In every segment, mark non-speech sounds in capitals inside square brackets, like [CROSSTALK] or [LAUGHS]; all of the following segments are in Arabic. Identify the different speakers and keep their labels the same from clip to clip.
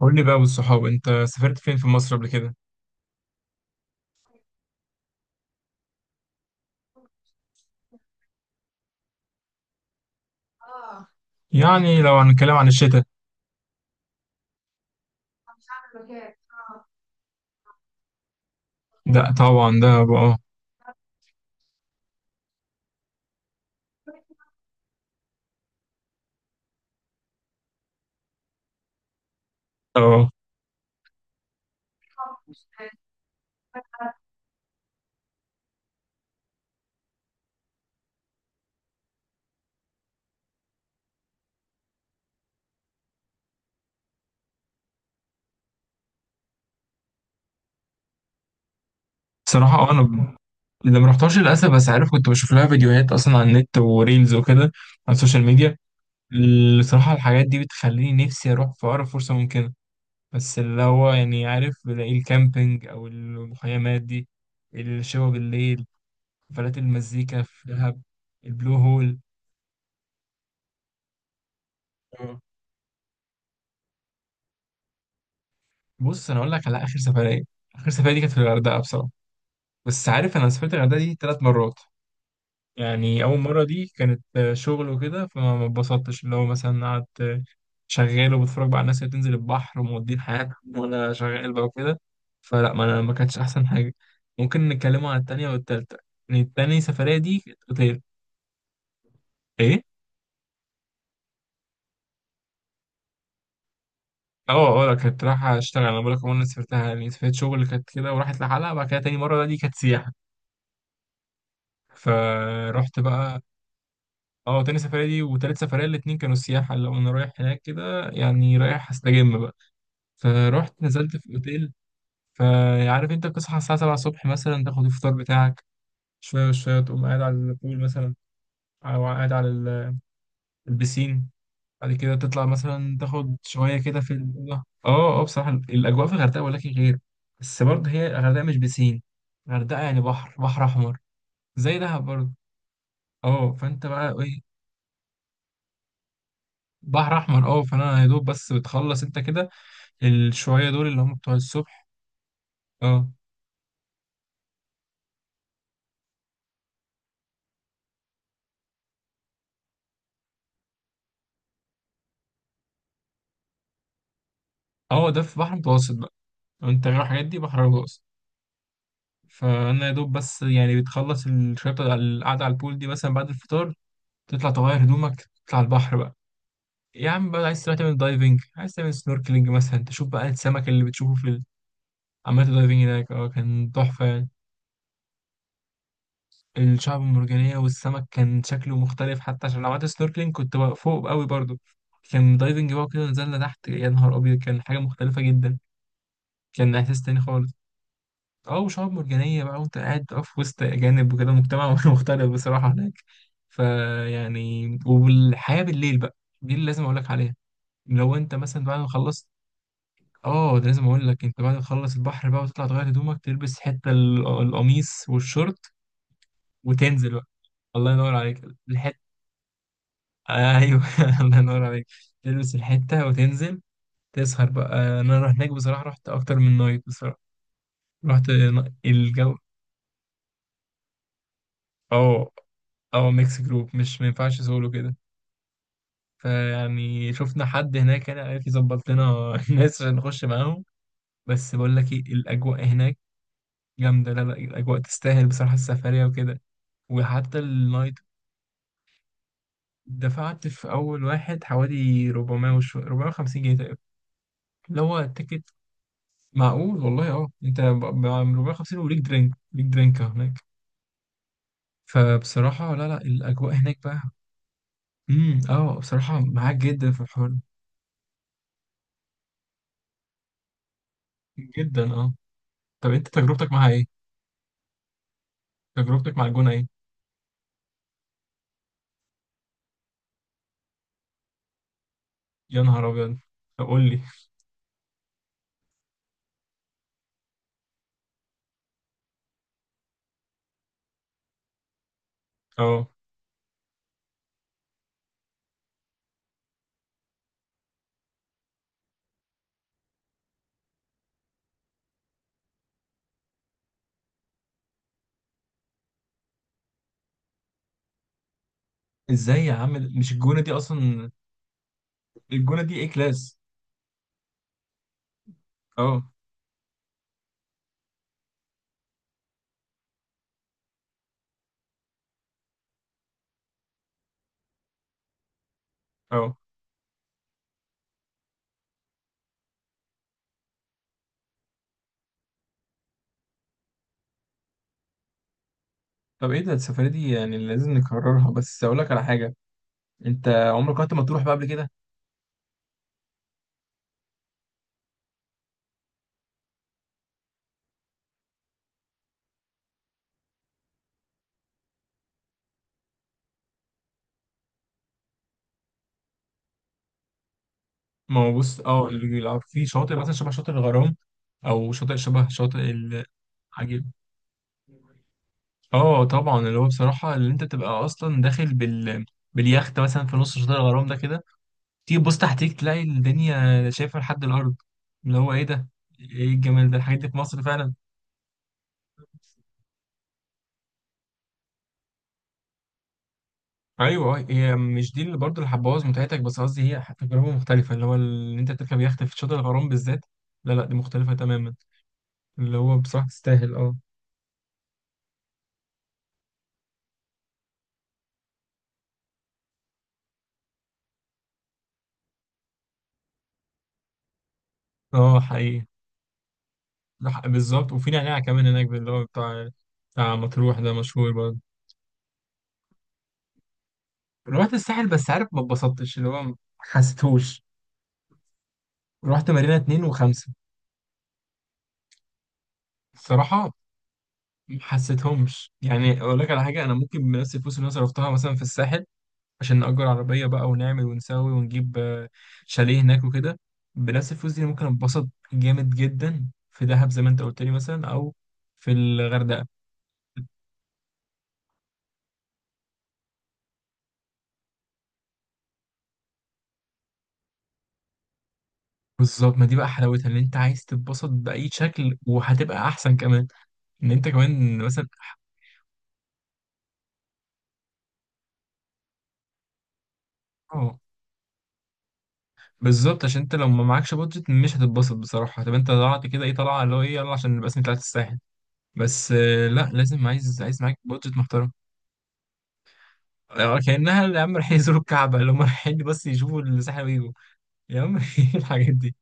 Speaker 1: قول لي بقى والصحاب انت سافرت فين في مصر قبل كده؟ يعني لو هنتكلم عن الشتاء، ده طبعا ده بقى. اه بصراحة اه انا ب- اللي ما رحتهاش للاسف، بس عارف كنت بشوف لها فيديوهات اصلا على النت وريلز وكده، على السوشيال ميديا. الصراحة الحاجات دي بتخليني نفسي اروح في اقرب فرصة ممكنة، بس اللي هو يعني عارف بلاقي الكامبينج او المخيمات دي، الشوا بالليل، حفلات المزيكا في دهب، البلو هول. اه بص انا اقول لك على اخر سفرية. اخر سفرية دي كانت في الغردقة بصراحة، بس عارف انا سافرت الغردقه دي ثلاث مرات. يعني اول مره دي كانت شغل وكده، فما ما اتبسطتش، اللي هو مثلا قعدت شغال وبتفرج بقى على الناس اللي بتنزل البحر ومودين حياتهم [LAUGHS] وانا شغال بقى وكده. فلا، ما انا ما كانتش احسن حاجه. ممكن نتكلم عن التانية والتالتة. يعني التانية سفرية دي كانت اوتيل. ايه؟ اه لا، كنت رايحة اشتغل، انا بقولك عمري ما سافرتها، يعني سافرت شغل كانت كده وراحت لحالها. بعد كده تاني مرة دي كانت سياحة، فرحت بقى. اه، تاني سفرية دي وتالت سفرية الاتنين كانوا سياحة. لو انا رايح هناك كده يعني رايح استجم بقى، فروحت نزلت في اوتيل. فعارف انت بتصحى الساعة 7 الصبح مثلا، تاخد الفطار بتاعك، شوية شوية تقوم قاعد على البول مثلا، او قاعد على البسين. بعد كده تطلع مثلا تاخد شوية كده في الأوضة. اه بصراحة الأجواء في الغردقة ولكن غير. بس برضه هي الغردقة مش بسين، الغردقة يعني بحر بحر أحمر، زي دهب برضه. اه فانت بقى ايه. بحر أحمر، اه. فانا يا دوب بس بتخلص انت كده الشوية دول اللي هم بتوع الصبح. اه، هو ده في بحر متوسط بقى، لو انت غير الحاجات دي بحر متوسط. فانا يا دوب بس يعني بتخلص الشوية على القعدة على البول دي مثلا بعد الفطار، تطلع تغير هدومك، تطلع البحر بقى. يا عم بقى، عايز تروح تعمل دايفنج، عايز تعمل سنوركلينج مثلا، تشوف بقى السمك اللي بتشوفه في عملت دايفنج هناك. اه كان تحفة يعني. الشعب المرجانية والسمك كان شكله مختلف، حتى عشان لو عملت سنوركلينج كنت بقى فوق قوي برضو. كان دايفنج بقى كده، نزلنا تحت، يا نهار أبيض، كان حاجة مختلفة جدا. كان إحساس تاني خالص. اه، وشعاب مرجانية بقى، وانت قاعد بقى في وسط أجانب وكده، مجتمع [LAUGHS] مختلف بصراحة هناك. فيعني والحياة بالليل بقى، دي اللي لازم أقول لك عليها. لو انت مثلا بعد ما خلصت، اه ده لازم أقول لك، انت بعد ما تخلص البحر بقى وتطلع تغير هدومك، تلبس حتة القميص والشورت، وتنزل بقى. الله ينور عليك. الحتة، ايوه [LAUGHS] الله ينور عليك. تلبس الحتة وتنزل، تسهر بقى. انا رحت هناك بصراحة، رحت اكتر من نايت بصراحة. الجو. اه اه ميكس جروب، مش ما ينفعش سولو كده. فيعني شفنا حد هناك يعني عارف يظبط لنا [LAUGHS] الناس عشان نخش معاهم. بس بقول لك ايه الاجواء هناك جامده، لا لا، الاجواء تستاهل بصراحه السفريه وكده، وحتى النايت. دفعت في اول واحد حوالي 400 وشو 450 جنيه تقريبا، اللي هو التيكت. معقول والله. اه، انت 450 وليك درينك، ليك درينك هناك. فبصراحه لا لا، الاجواء هناك بقى. اه بصراحه معاك جدا في الحوار. جدا، اه. طب انت تجربتك معاها ايه؟ تجربتك مع الجونة ايه؟ يا نهار ابيض. طب قول لي. اه. ازاي يا عم! مش الجونة دي اصلا؟ الجونة دي ايه، كلاس. اه اه طب ايه ده، السفرية دي يعني لازم نكررها. بس اقول لك على حاجة، انت عمرك رحت مطروح بقى قبل كده؟ ما هو بص اه، في شاطئ مثلا شبه شاطئ الغرام، او شاطئ شبه شاطئ العجيب. اه طبعا، اللي هو بصراحة اللي انت تبقى اصلا داخل باليخت مثلا في نص شاطئ الغرام ده كده، تيجي تبص تحتيك تلاقي الدنيا شايفة لحد الأرض، اللي هو إيه ده؟ إيه الجمال ده؟ الحاجات دي في مصر فعلا! أيوه أه، هي مش دي اللي برضه اللي هتبوظ متعتك، بس قصدي هي تجربة مختلفة، اللي هو إن أنت تركب يخت في شاطئ الغرام بالذات. لا لا، دي مختلفة تماما، اللي هو بصراحة تستاهل أه. أه حقيقي. بالظبط، وفي نعناع كمان هناك، اللي هو بتاع، مطروح ده مشهور برضه. رحت الساحل بس عارف ما اتبسطتش، اللي هو ما حسيتهوش. رحت مارينا اتنين وخمسة الصراحة. ما حسيتهمش. يعني اقول لك على حاجه، انا ممكن بنفس الفلوس اللي انا صرفتها مثلا في الساحل، عشان نأجر عربيه بقى ونعمل ونسوي ونجيب شاليه هناك وكده، بنفس الفلوس دي ممكن اتبسط جامد جدا في دهب زي ما انت قلت لي مثلا، او في الغردقه. بالظبط، ما دي بقى حلاوتها، ان انت عايز تتبسط باي شكل وهتبقى احسن كمان. ان انت كمان مثلا اه بالظبط، عشان انت لو ما معكش بودجت مش هتتبسط بصراحه. طب انت طلعت كده ايه طلعه، اللي هو ايه، يلا عشان نبقى اسمي طلعت الساحل بس، لا لازم، عايز معاك بودجت محترم. كأنها يا عم رايحين يزوروا الكعبة، اللي هم رايحين بس يشوفوا الساحل ويجوا، يا عم [LAUGHS] إيه الحاجات دي.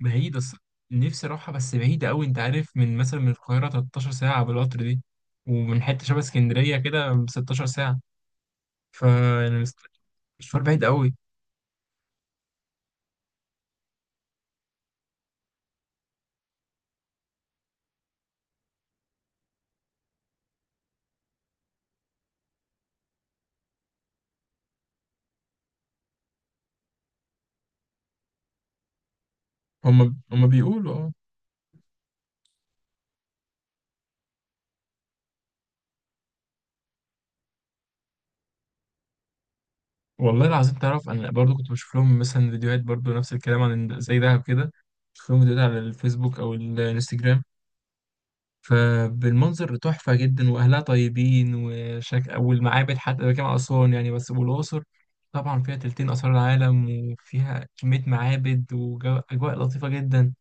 Speaker 1: بعيدة الصراحة، نفسي أروحها بس بعيدة أوي. أنت عارف من مثلا من القاهرة 13 ساعة بالقطر دي، ومن حتة شبه اسكندرية كده 16 ساعة. ف يعني مشوار بعيد أوي. هم بيقولوا اه. والله العظيم تعرف أنا برضو كنت بشوف لهم مثلا فيديوهات برضو، نفس الكلام عن زي دهب كده. بشوف لهم فيديوهات على الفيسبوك أو الانستجرام، فبالمنظر تحفة جدا، وأهلها طيبين والمعابد حتى بجمع أسوان يعني، بس والأقصر طبعا فيها تلتين آثار العالم، وفيها كمية معابد وأجواء لطيفة جدا.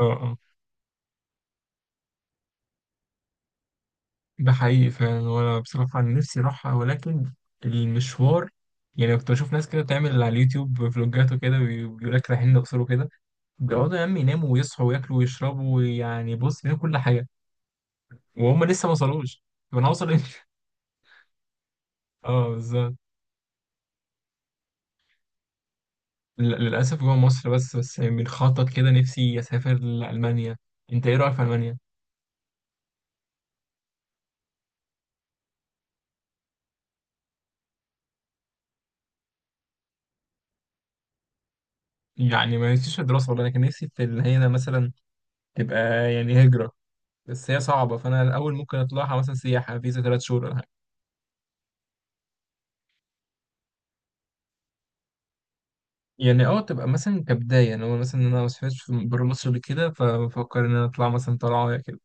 Speaker 1: اه اه ده حقيقي فعلا. وأنا بصراحة عن نفسي أروحها ولكن المشوار، يعني كنت بشوف ناس كده بتعمل على اليوتيوب فلوجات وكده، بيقول لك رايحين الأقصر وكده، بيقعدوا يا عم يناموا ويصحوا وياكلوا ويشربوا، ويعني بص بيعملوا كل حاجة وهم لسه ما وصلوش. طب أنا هوصل إمتى؟ اه بالظبط. للأسف جوه مصر بس، بس بنخطط كده، نفسي أسافر لألمانيا. أنت إيه رأيك في ألمانيا؟ يعني ما نفسيش في الدراسة والله، أنا كان نفسي في إن هي مثلا تبقى يعني هجرة، بس هي صعبة، فأنا الأول ممكن أطلعها مثلا سياحة فيزا ثلاث شهور ولا حاجة. يعني أه، تبقى مثلا كبداية، أنا مثلا أنا ما سافرتش بره مصر قبل كده، فبفكر إن أنا أطلع مثلا طلعة كده.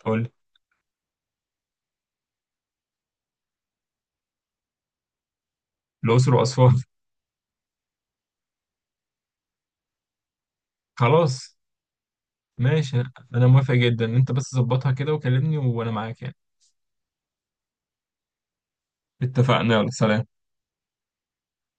Speaker 1: تقول لي. الأقصر وأسوان. خلاص. ماشي، أنا موافق جدا. أنت بس ظبطها كده وكلمني وأنا معاك يعني. اتفقنا، يلا سلام.